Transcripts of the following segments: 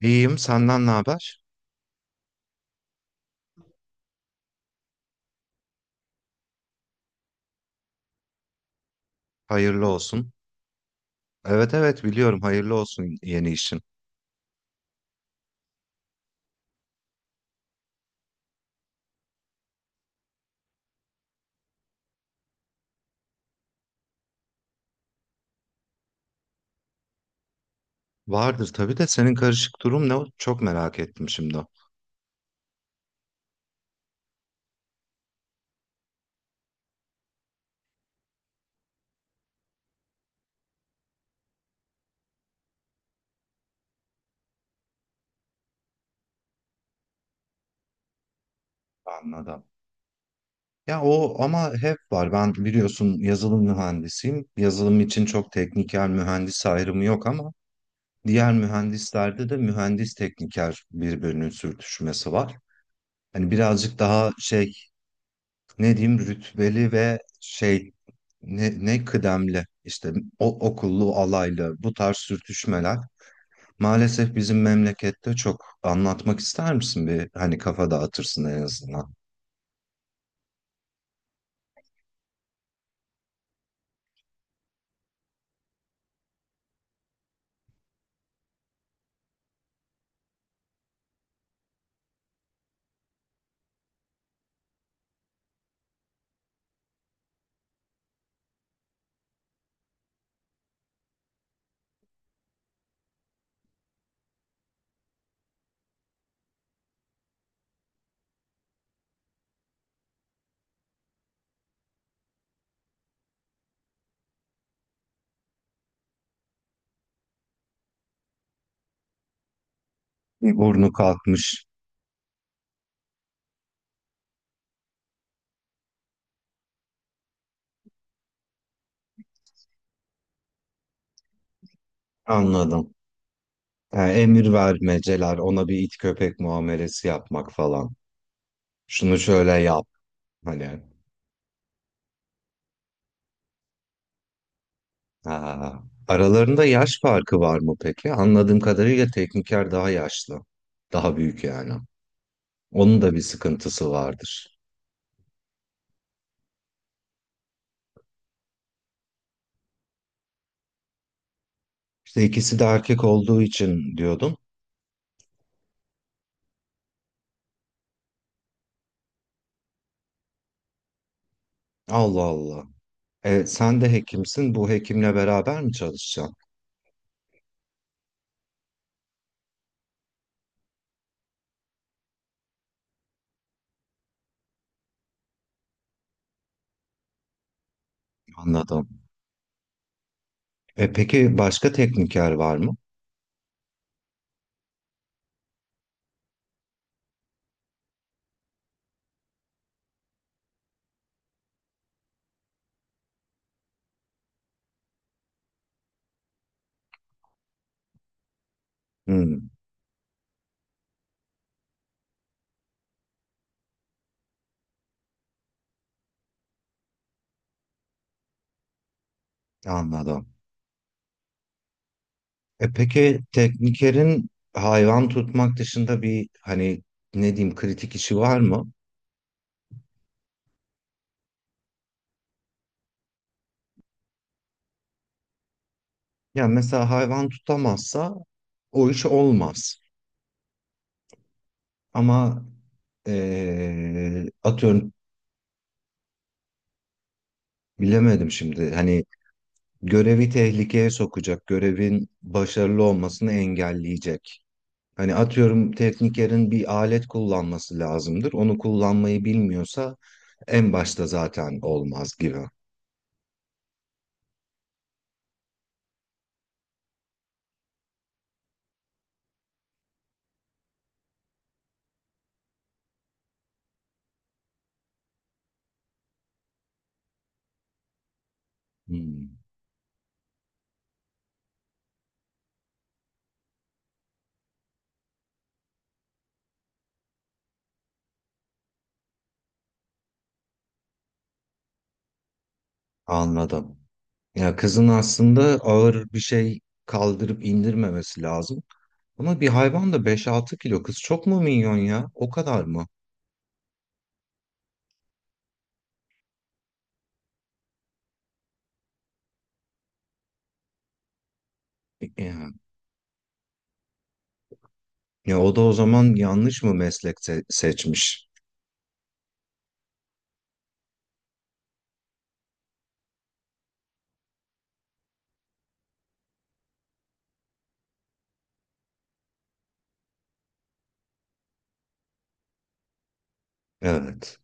İyiyim, senden ne haber? Hayırlı olsun. Evet evet biliyorum, hayırlı olsun yeni işin. Vardır tabii de senin karışık durum ne? Çok merak ettim şimdi. Anladım. Ya o ama hep var. Ben biliyorsun yazılım mühendisiyim. Yazılım için çok tekniker mühendis ayrımı yok ama diğer mühendislerde de mühendis tekniker birbirinin sürtüşmesi var. Hani birazcık daha şey, ne diyeyim, rütbeli ve şey, ne kıdemli işte o, okullu alaylı bu tarz sürtüşmeler maalesef bizim memlekette çok. Anlatmak ister misin bir, hani kafa dağıtırsın en azından. Bir burnu kalkmış, anladım. Yani emir vermeceler, ona bir it köpek muamelesi yapmak falan. Şunu şöyle yap, hani. Ha. Aralarında yaş farkı var mı peki? Anladığım kadarıyla tekniker daha yaşlı. Daha büyük yani. Onun da bir sıkıntısı vardır. İşte ikisi de erkek olduğu için diyordum. Allah Allah. Sen de hekimsin. Bu hekimle beraber mi çalışacaksın? Anladım. Peki başka tekniker var mı? Hmm, anladım. Peki teknikerin hayvan tutmak dışında bir, hani, ne diyeyim, kritik işi var mı? Ya mesela hayvan tutamazsa o iş olmaz. Ama atıyorum, bilemedim şimdi. Hani görevi tehlikeye sokacak, görevin başarılı olmasını engelleyecek. Hani atıyorum teknikerin bir alet kullanması lazımdır. Onu kullanmayı bilmiyorsa en başta zaten olmaz gibi. Hmm, anladım. Ya kızın aslında ağır bir şey kaldırıp indirmemesi lazım. Ama bir hayvan da beş altı kilo, kız çok mu minyon ya? O kadar mı? Ya, ya o da o zaman yanlış mı meslek seçmiş? Evet.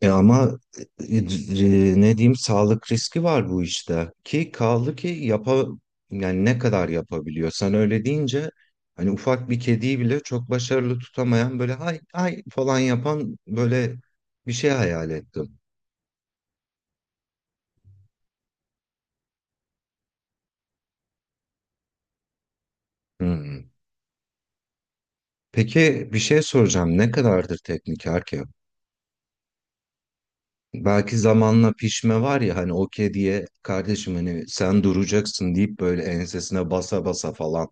E ama ne diyeyim, sağlık riski var bu işte, ki kaldı ki yani ne kadar yapabiliyor sen öyle deyince, hani ufak bir kediyi bile çok başarılı tutamayan, böyle ay ay falan yapan, böyle bir şey hayal ettim. Hmm. Peki bir şey soracağım, ne kadardır tekniker ki? Belki zamanla pişme var ya, hani o kediye kardeşim hani sen duracaksın deyip böyle ensesine basa basa falan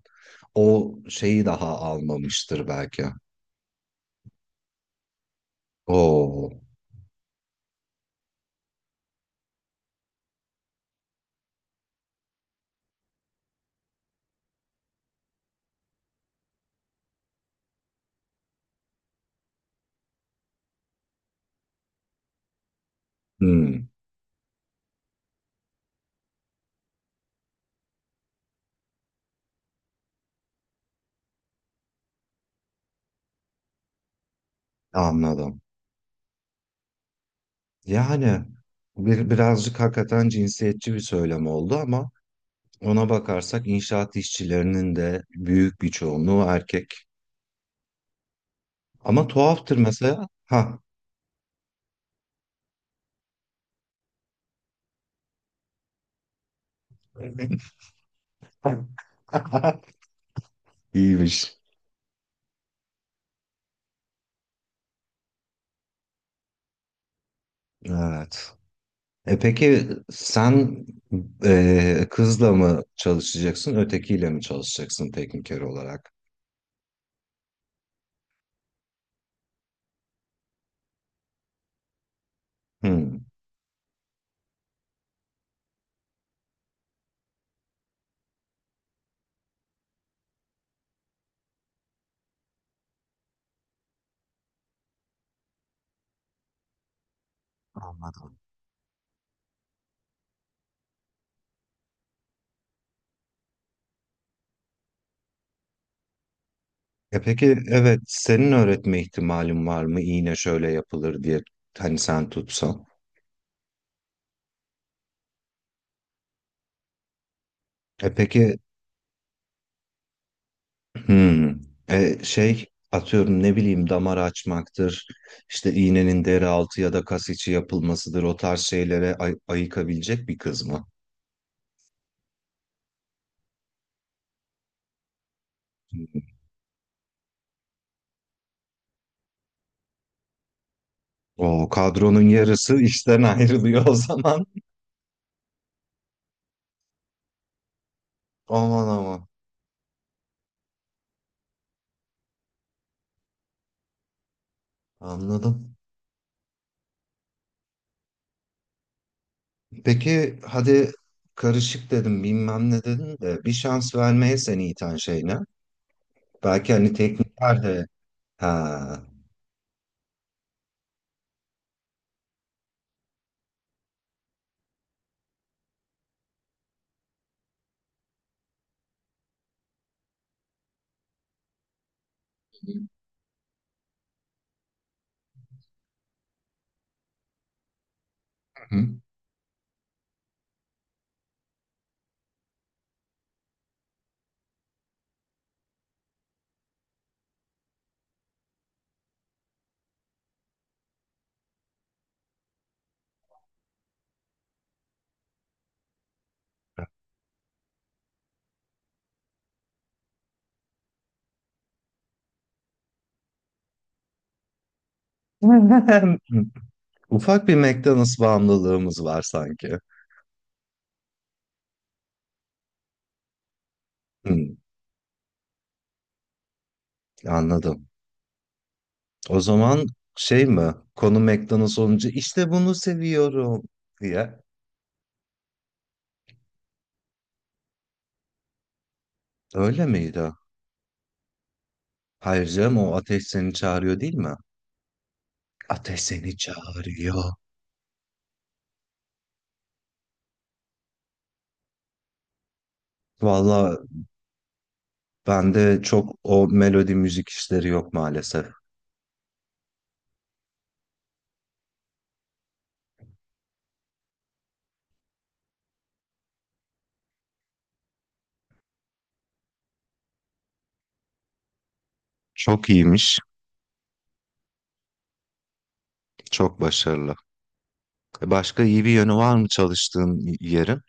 o şeyi daha almamıştır belki. Oo, hmm, anladım. Yani bir, birazcık hakikaten cinsiyetçi bir söylem oldu ama ona bakarsak inşaat işçilerinin de büyük bir çoğunluğu erkek. Ama tuhaftır mesela. Ha. İyiymiş. Evet. E peki sen, kızla mı çalışacaksın, ötekiyle mi çalışacaksın tekniker olarak? Hmm. E peki evet, senin öğretme ihtimalin var mı, iğne şöyle yapılır diye, hani sen tutsan. E peki, hmm, şey, atıyorum, ne bileyim, damar açmaktır işte, iğnenin deri altı ya da kas içi yapılmasıdır, o tarz şeylere ayıkabilecek bir kız mı? O kadronun yarısı işten ayrılıyor o zaman. Aman aman, anladım. Peki hadi, karışık dedim bilmem ne dedin de, bir şans vermeye seni iten şey ne? Belki hani teknikler de. Ha. Hı. Ufak bir McDonald's bağımlılığımız var sanki. Hı, anladım. O zaman şey mi? Konu McDonald's olunca işte bunu seviyorum diye. Öyle miydi? Hayır canım, o ateş seni çağırıyor değil mi? Ateş seni çağırıyor. Valla bende çok o melodi müzik işleri yok maalesef. Çok iyiymiş. Çok başarılı. Başka iyi bir yönü var mı çalıştığın yerin?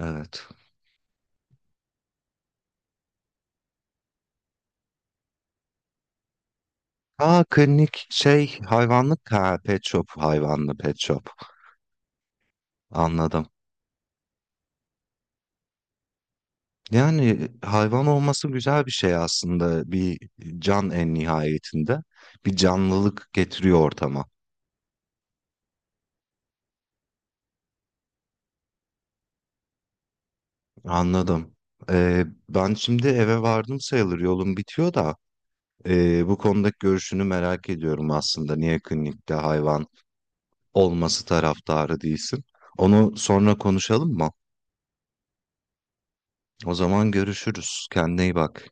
Evet. Ha klinik şey, hayvanlık ha, pet shop hayvanlı, pet shop, anladım. Yani hayvan olması güzel bir şey aslında, bir can en nihayetinde, bir canlılık getiriyor ortama, anladım. Ben şimdi eve vardım sayılır, yolum bitiyor da bu konudaki görüşünü merak ediyorum aslında, niye klinikte hayvan olması taraftarı değilsin. Onu sonra konuşalım mı? O zaman görüşürüz. Kendine iyi bak.